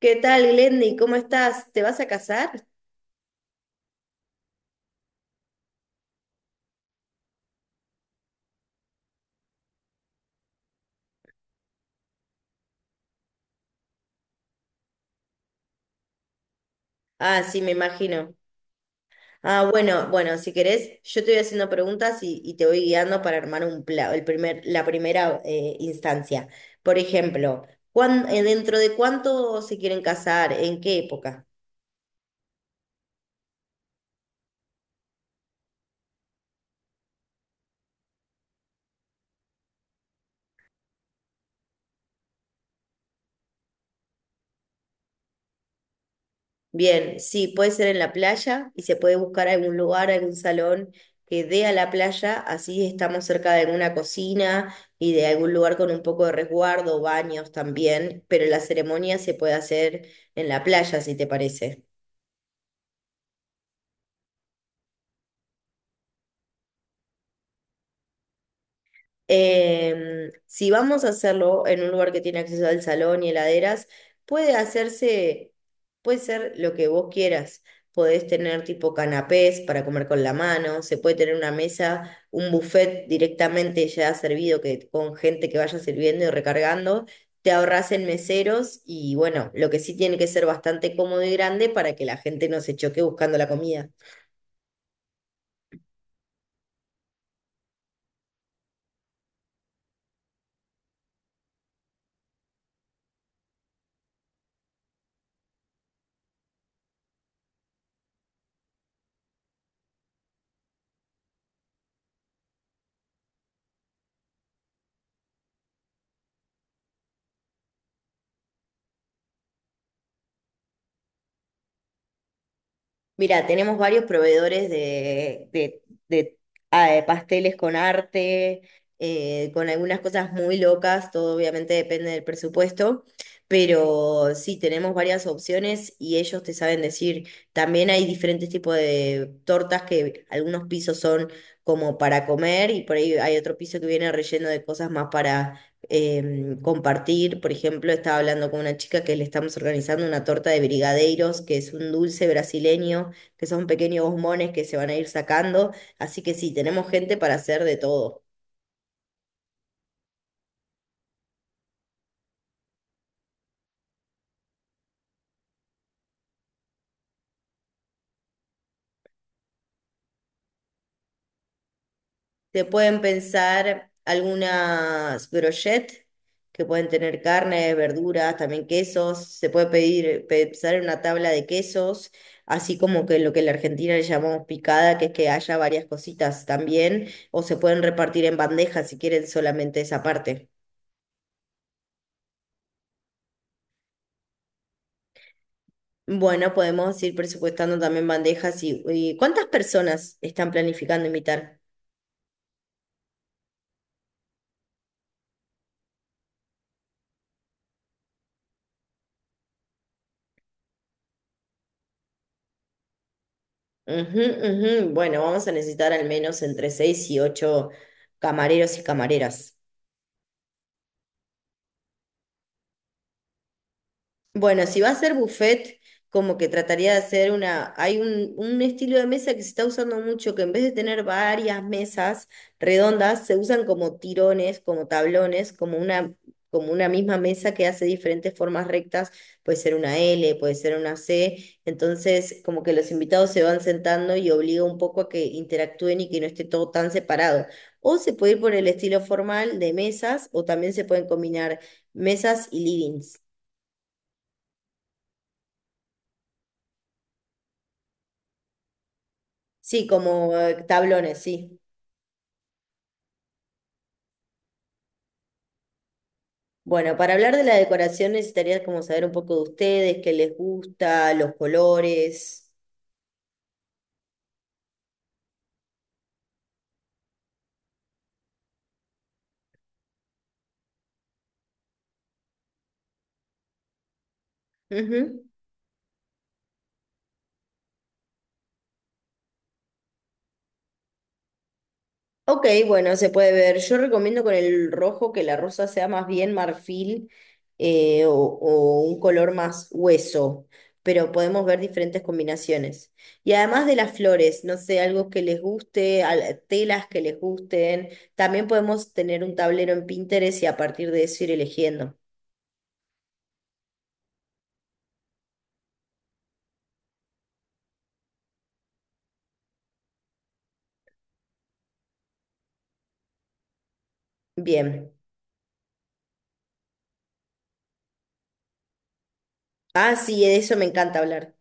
¿Qué tal, Glendy? ¿Cómo estás? ¿Te vas a casar? Ah, sí, me imagino. Ah, bueno, bueno, si querés, yo te voy haciendo preguntas y te voy guiando para armar un pla- el primer, la primera instancia. Por ejemplo, dentro de cuánto se quieren casar? ¿En qué época? Bien, sí, puede ser en la playa y se puede buscar algún lugar, algún salón que dé a la playa, así estamos cerca de alguna cocina y de algún lugar con un poco de resguardo, baños también, pero la ceremonia se puede hacer en la playa, si te parece. Si vamos a hacerlo en un lugar que tiene acceso al salón y heladeras, puede hacerse, puede ser lo que vos quieras. Podés tener tipo canapés para comer con la mano, se puede tener una mesa, un buffet directamente ya servido que, con gente que vaya sirviendo y recargando. Te ahorras en meseros y bueno, lo que sí tiene que ser bastante cómodo y grande para que la gente no se choque buscando la comida. Mira, tenemos varios proveedores de, de pasteles con arte, con algunas cosas muy locas, todo obviamente depende del presupuesto, pero sí, tenemos varias opciones y ellos te saben decir, también hay diferentes tipos de tortas que algunos pisos son como para comer y por ahí hay otro piso que viene relleno de cosas más compartir. Por ejemplo, estaba hablando con una chica que le estamos organizando una torta de brigadeiros, que es un dulce brasileño, que son pequeños bombones que se van a ir sacando. Así que sí, tenemos gente para hacer de todo. Se pueden pensar algunas brochettes que pueden tener carne, verduras, también quesos. Se puede pedir, pensar en una tabla de quesos, así como que lo que en la Argentina le llamamos picada, que es que haya varias cositas también, o se pueden repartir en bandejas si quieren solamente esa parte. Bueno, podemos ir presupuestando también bandejas y ¿cuántas personas están planificando invitar? Ujú, ujú. Bueno, vamos a necesitar al menos entre seis y ocho camareros y camareras. Bueno, si va a ser buffet, como que trataría de hacer una, hay un estilo de mesa que se está usando mucho, que en vez de tener varias mesas redondas, se usan como tirones, como tablones, como una misma mesa que hace diferentes formas rectas, puede ser una L, puede ser una C, entonces como que los invitados se van sentando y obliga un poco a que interactúen y que no esté todo tan separado. O se puede ir por el estilo formal de mesas, o también se pueden combinar mesas y livings. Sí, como tablones, sí. Bueno, para hablar de la decoración necesitaría como saber un poco de ustedes, qué les gusta, los colores. Ujú. Ok, bueno, se puede ver. Yo recomiendo con el rojo que la rosa sea más bien marfil o un color más hueso, pero podemos ver diferentes combinaciones. Y además de las flores, no sé, algo que les guste, al- telas que les gusten. También podemos tener un tablero en Pinterest y a partir de eso ir eligiendo. Bien. Ah, sí, de eso me encanta hablar.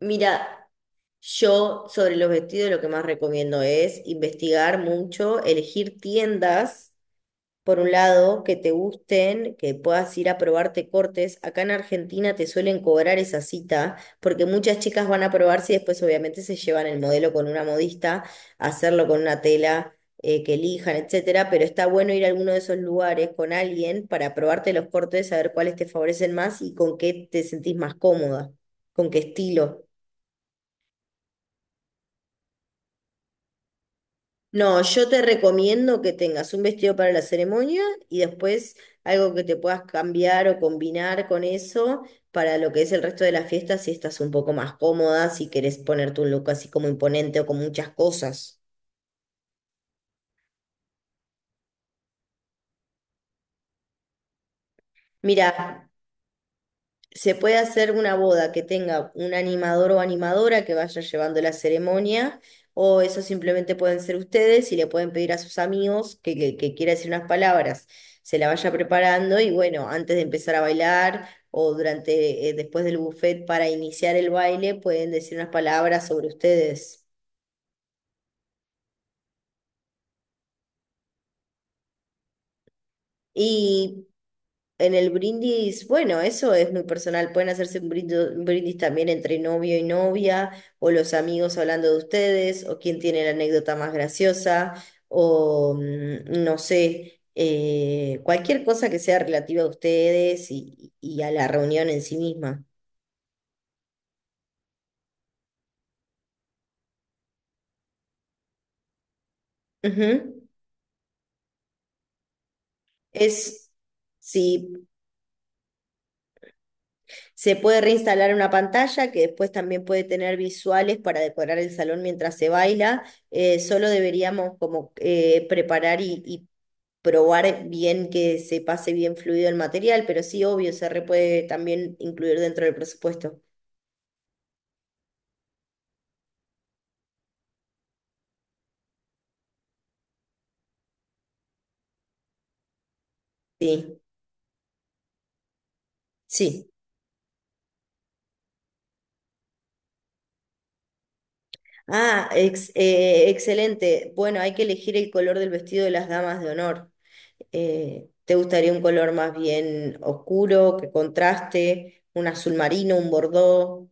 Mira, yo sobre los vestidos lo que más recomiendo es investigar mucho, elegir tiendas por un lado, que te gusten, que puedas ir a probarte cortes. Acá en Argentina te suelen cobrar esa cita, porque muchas chicas van a probarse y después obviamente se llevan el modelo con una modista, a hacerlo con una tela que elijan, etcétera. Pero está bueno ir a alguno de esos lugares con alguien para probarte los cortes, saber cuáles te favorecen más y con qué te sentís más cómoda, con qué estilo. No, yo te recomiendo que tengas un vestido para la ceremonia y después algo que te puedas cambiar o combinar con eso para lo que es el resto de la fiesta si estás un poco más cómoda, si querés ponerte un look así como imponente o con muchas cosas. Mira, se puede hacer una boda que tenga un animador o animadora que vaya llevando la ceremonia, o eso simplemente pueden ser ustedes y le pueden pedir a sus amigos que quiera decir unas palabras, se la vaya preparando y bueno, antes de empezar a bailar o durante, después del buffet para iniciar el baile, pueden decir unas palabras sobre ustedes. Y En el brindis, bueno, eso es muy personal. Pueden hacerse un brindis, también entre novio y novia, o los amigos hablando de ustedes, o quién tiene la anécdota más graciosa, o no sé, cualquier cosa que sea relativa a ustedes y a la reunión en sí misma. Ujú. Es, sí. Se puede reinstalar una pantalla que después también puede tener visuales para decorar el salón mientras se baila. Solo deberíamos como preparar y probar bien que se pase bien fluido el material, pero sí, obvio, se re puede también incluir dentro del presupuesto. Sí, sí. Ah, excelente. Bueno, hay que elegir el color del vestido de las damas de honor. ¿Te gustaría un color más bien oscuro, que contraste? Un azul marino, un bordó.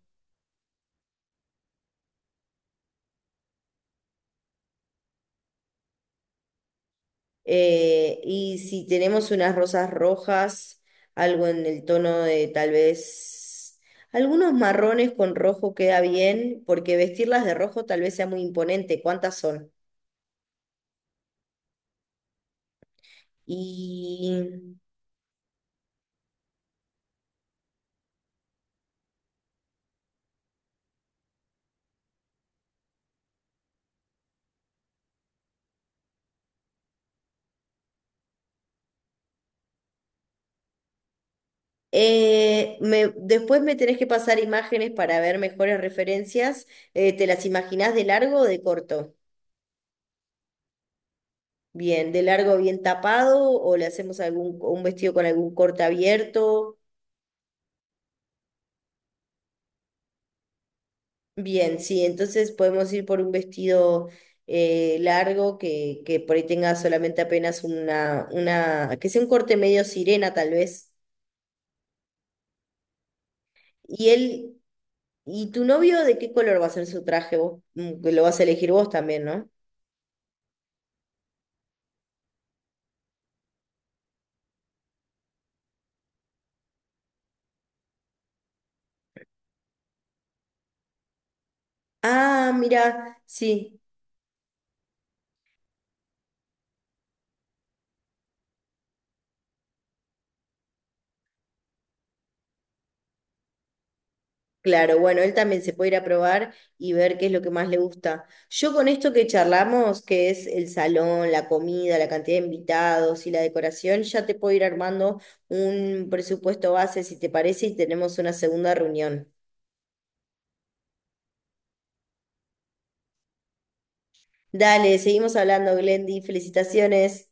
Y si tenemos unas rosas rojas, algo en el tono de tal vez algunos marrones con rojo queda bien, porque vestirlas de rojo tal vez sea muy imponente. ¿Cuántas son? Y después me tenés que pasar imágenes para ver mejores referencias. ¿Te las imaginás de largo o de corto? Bien, de largo bien tapado o le hacemos algún un vestido con algún corte abierto. Bien, sí, entonces podemos ir por un vestido largo que por ahí tenga solamente apenas que sea un corte medio sirena tal vez. Y él, ¿y tu novio de qué color va a ser su traje vos? Mm, que lo vas a elegir vos también, ¿no? Ah, mira, sí. Claro, bueno, él también se puede ir a probar y ver qué es lo que más le gusta. Yo con esto que charlamos, que es el salón, la comida, la cantidad de invitados y la decoración, ya te puedo ir armando un presupuesto base, si te parece, y tenemos una segunda reunión. Dale, seguimos hablando, Glendy. Felicitaciones.